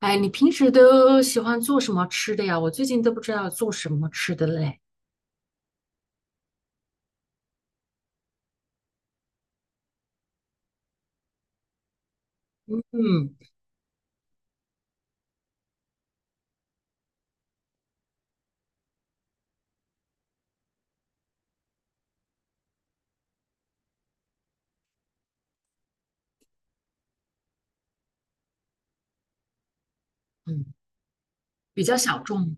哎，你平时都喜欢做什么吃的呀？我最近都不知道做什么吃的嘞。嗯嗯，比较小众，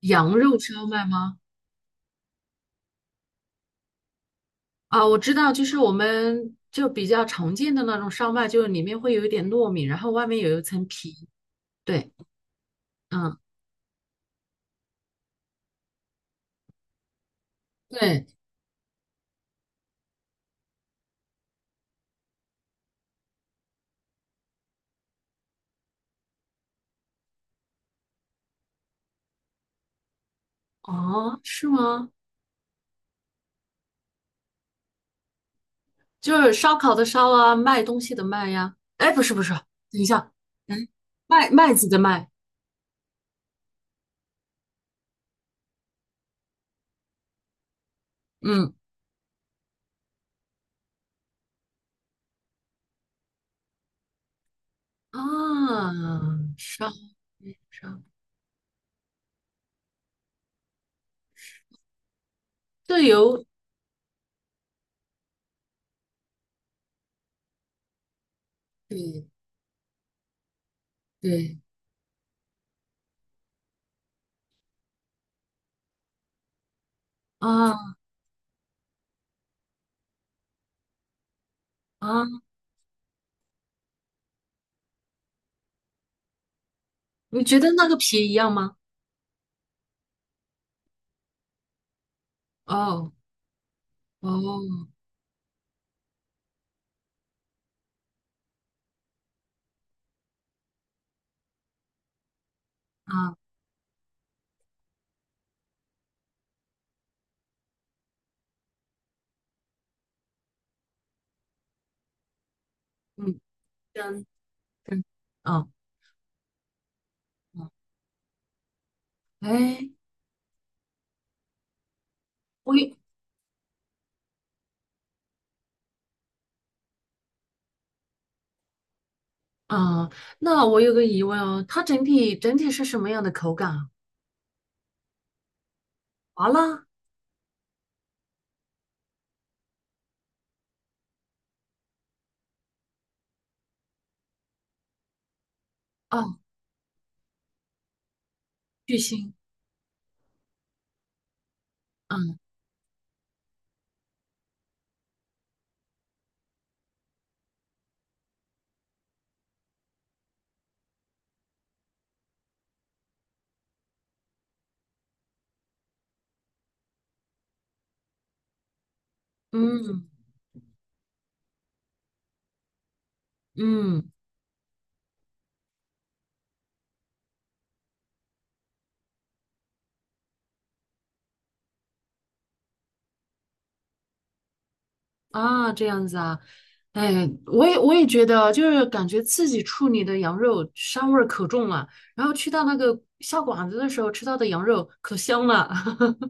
羊肉烧麦吗？啊，我知道，就是我们就比较常见的那种烧麦，就是里面会有一点糯米，然后外面有一层皮。对，嗯，对，哦，是吗？就是烧烤的烧啊，卖东西的卖呀。哎，不是不是，等一下，嗯，麦子的麦，嗯啊，烧烧。这有对对啊啊，你觉得那个皮一样吗？哦哦啊嗯，跟跟啊啊，哎，我有啊，那我有个疑问哦，它整体是什么样的口感啊？麻辣啊，巨腥，嗯嗯嗯啊，这样子啊，哎，我也觉得啊，就是感觉自己处理的羊肉膻味儿可重了，然后去到那个下馆子的时候吃到的羊肉可香了，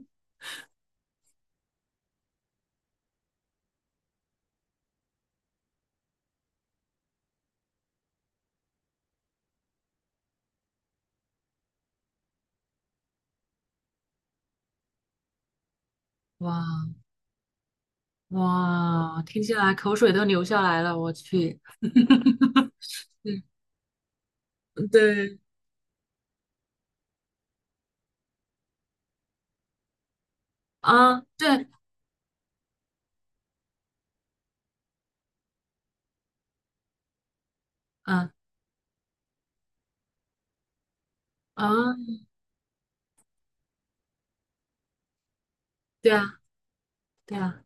哇哇，听起来口水都流下来了，我去，嗯，对啊，对，嗯啊，对啊，对啊，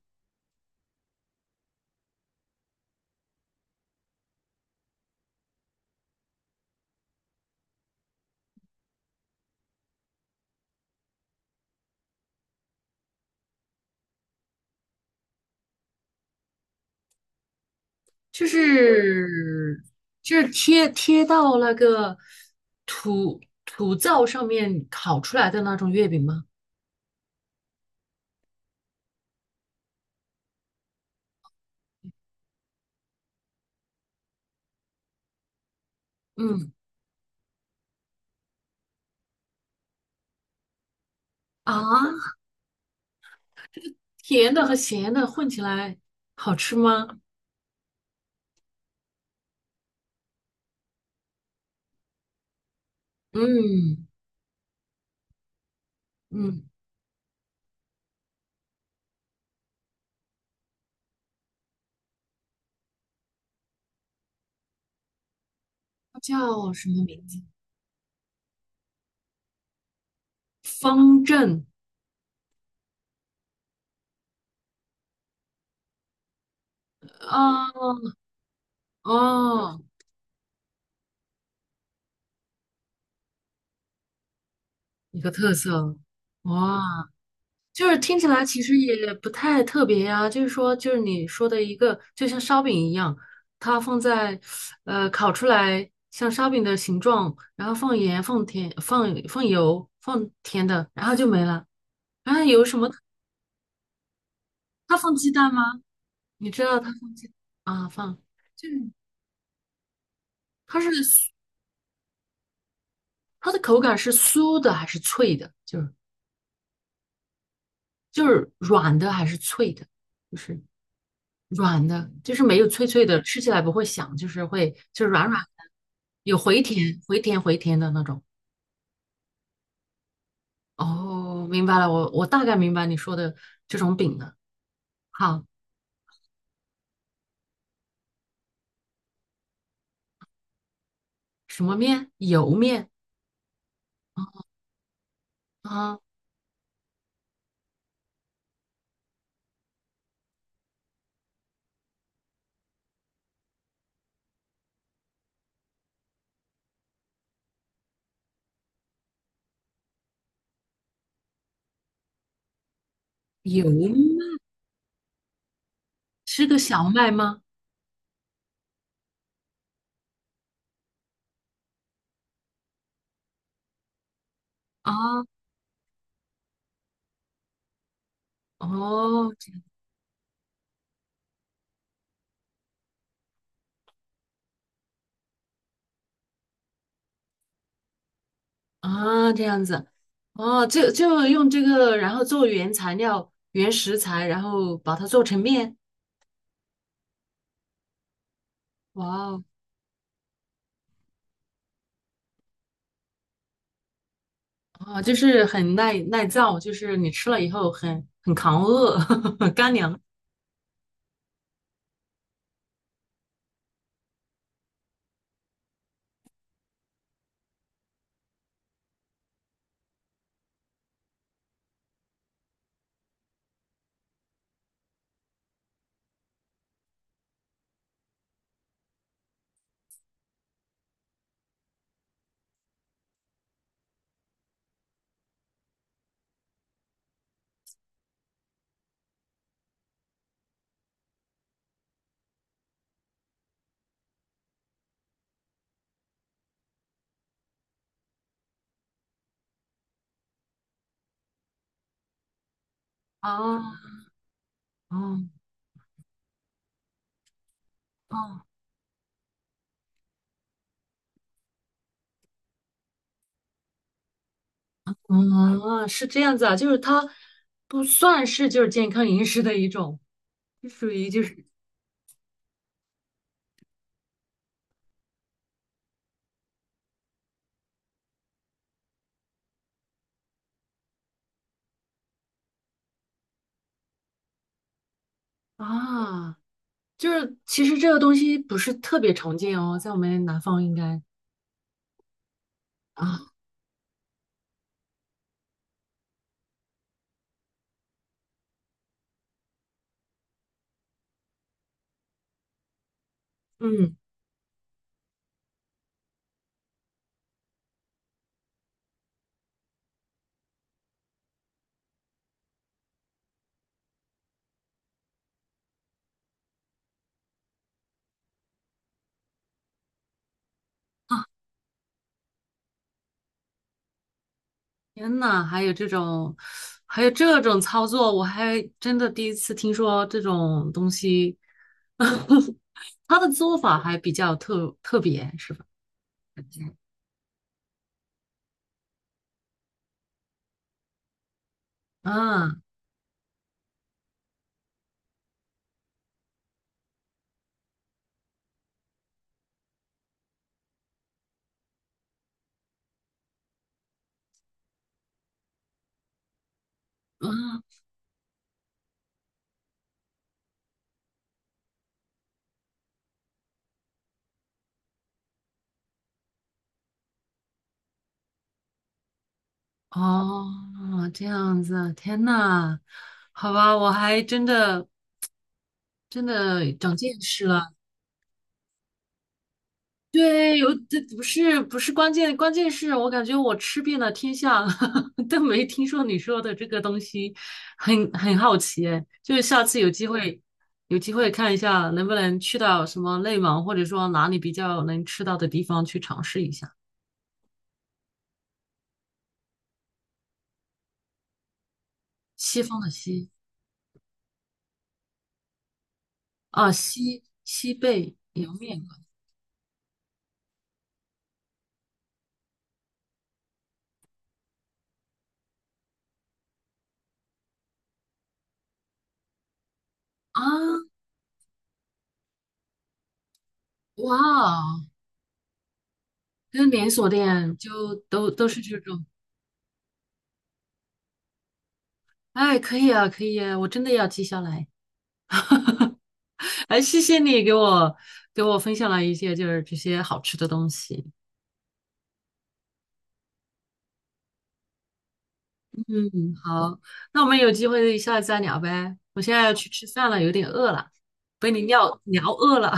就是贴到那个土灶上面烤出来的那种月饼吗？嗯啊，甜的和咸的混起来好吃吗？嗯嗯，它叫什么名字？方正啊哦，一个特色哇。就是听起来其实也不太特别呀，就是说，就是你说的一个，就像烧饼一样，它放在，烤出来像烧饼的形状，然后放盐、放甜、放油、放甜的，然后就没了。然后有什么？它放鸡蛋吗？你知道它放鸡啊？放，就是它是它的口感是酥的还是脆的？就是就是软的还是脆的？就是。软的，就是没有脆脆的，吃起来不会响，就是会就是软软的，有回甜的那种。哦，明白了，我大概明白你说的这种饼了。好，什么面？油面啊，油面是个小麦吗？啊，哦啊，这样子，哦，就用这个，然后做原材料、原食材，然后把它做成面。哇哦！啊，就是很耐造，就是你吃了以后很扛饿，干粮。哦哦哦，嗯，是这样子啊，就是它不算是就是健康饮食的一种，就属于就是啊，就是其实这个东西不是特别常见哦，在我们南方应该啊，嗯天呐，还有这种，还有这种操作，我还真的第一次听说这种东西。它的做法还比较特别，是吧？啊嗯哦，这样子啊，天呐，好吧，我还真的真的长见识了。对，有这不是关键，关键是我感觉我吃遍了天下，都没听说你说的这个东西，很好奇哎，就是下次有机会有机会看一下，能不能去到什么内蒙，或者说哪里比较能吃到的地方去尝试一下。西方的西啊，西西贝莜面啊，哇哦，跟连锁店就都是这种，哎，可以啊，可以啊，我真的要记下来。哎，谢谢你给我给我分享了一些就是这些好吃的东西。嗯，好，那我们有机会下次再聊呗。我现在要去吃饭了，有点饿了，被你聊饿了。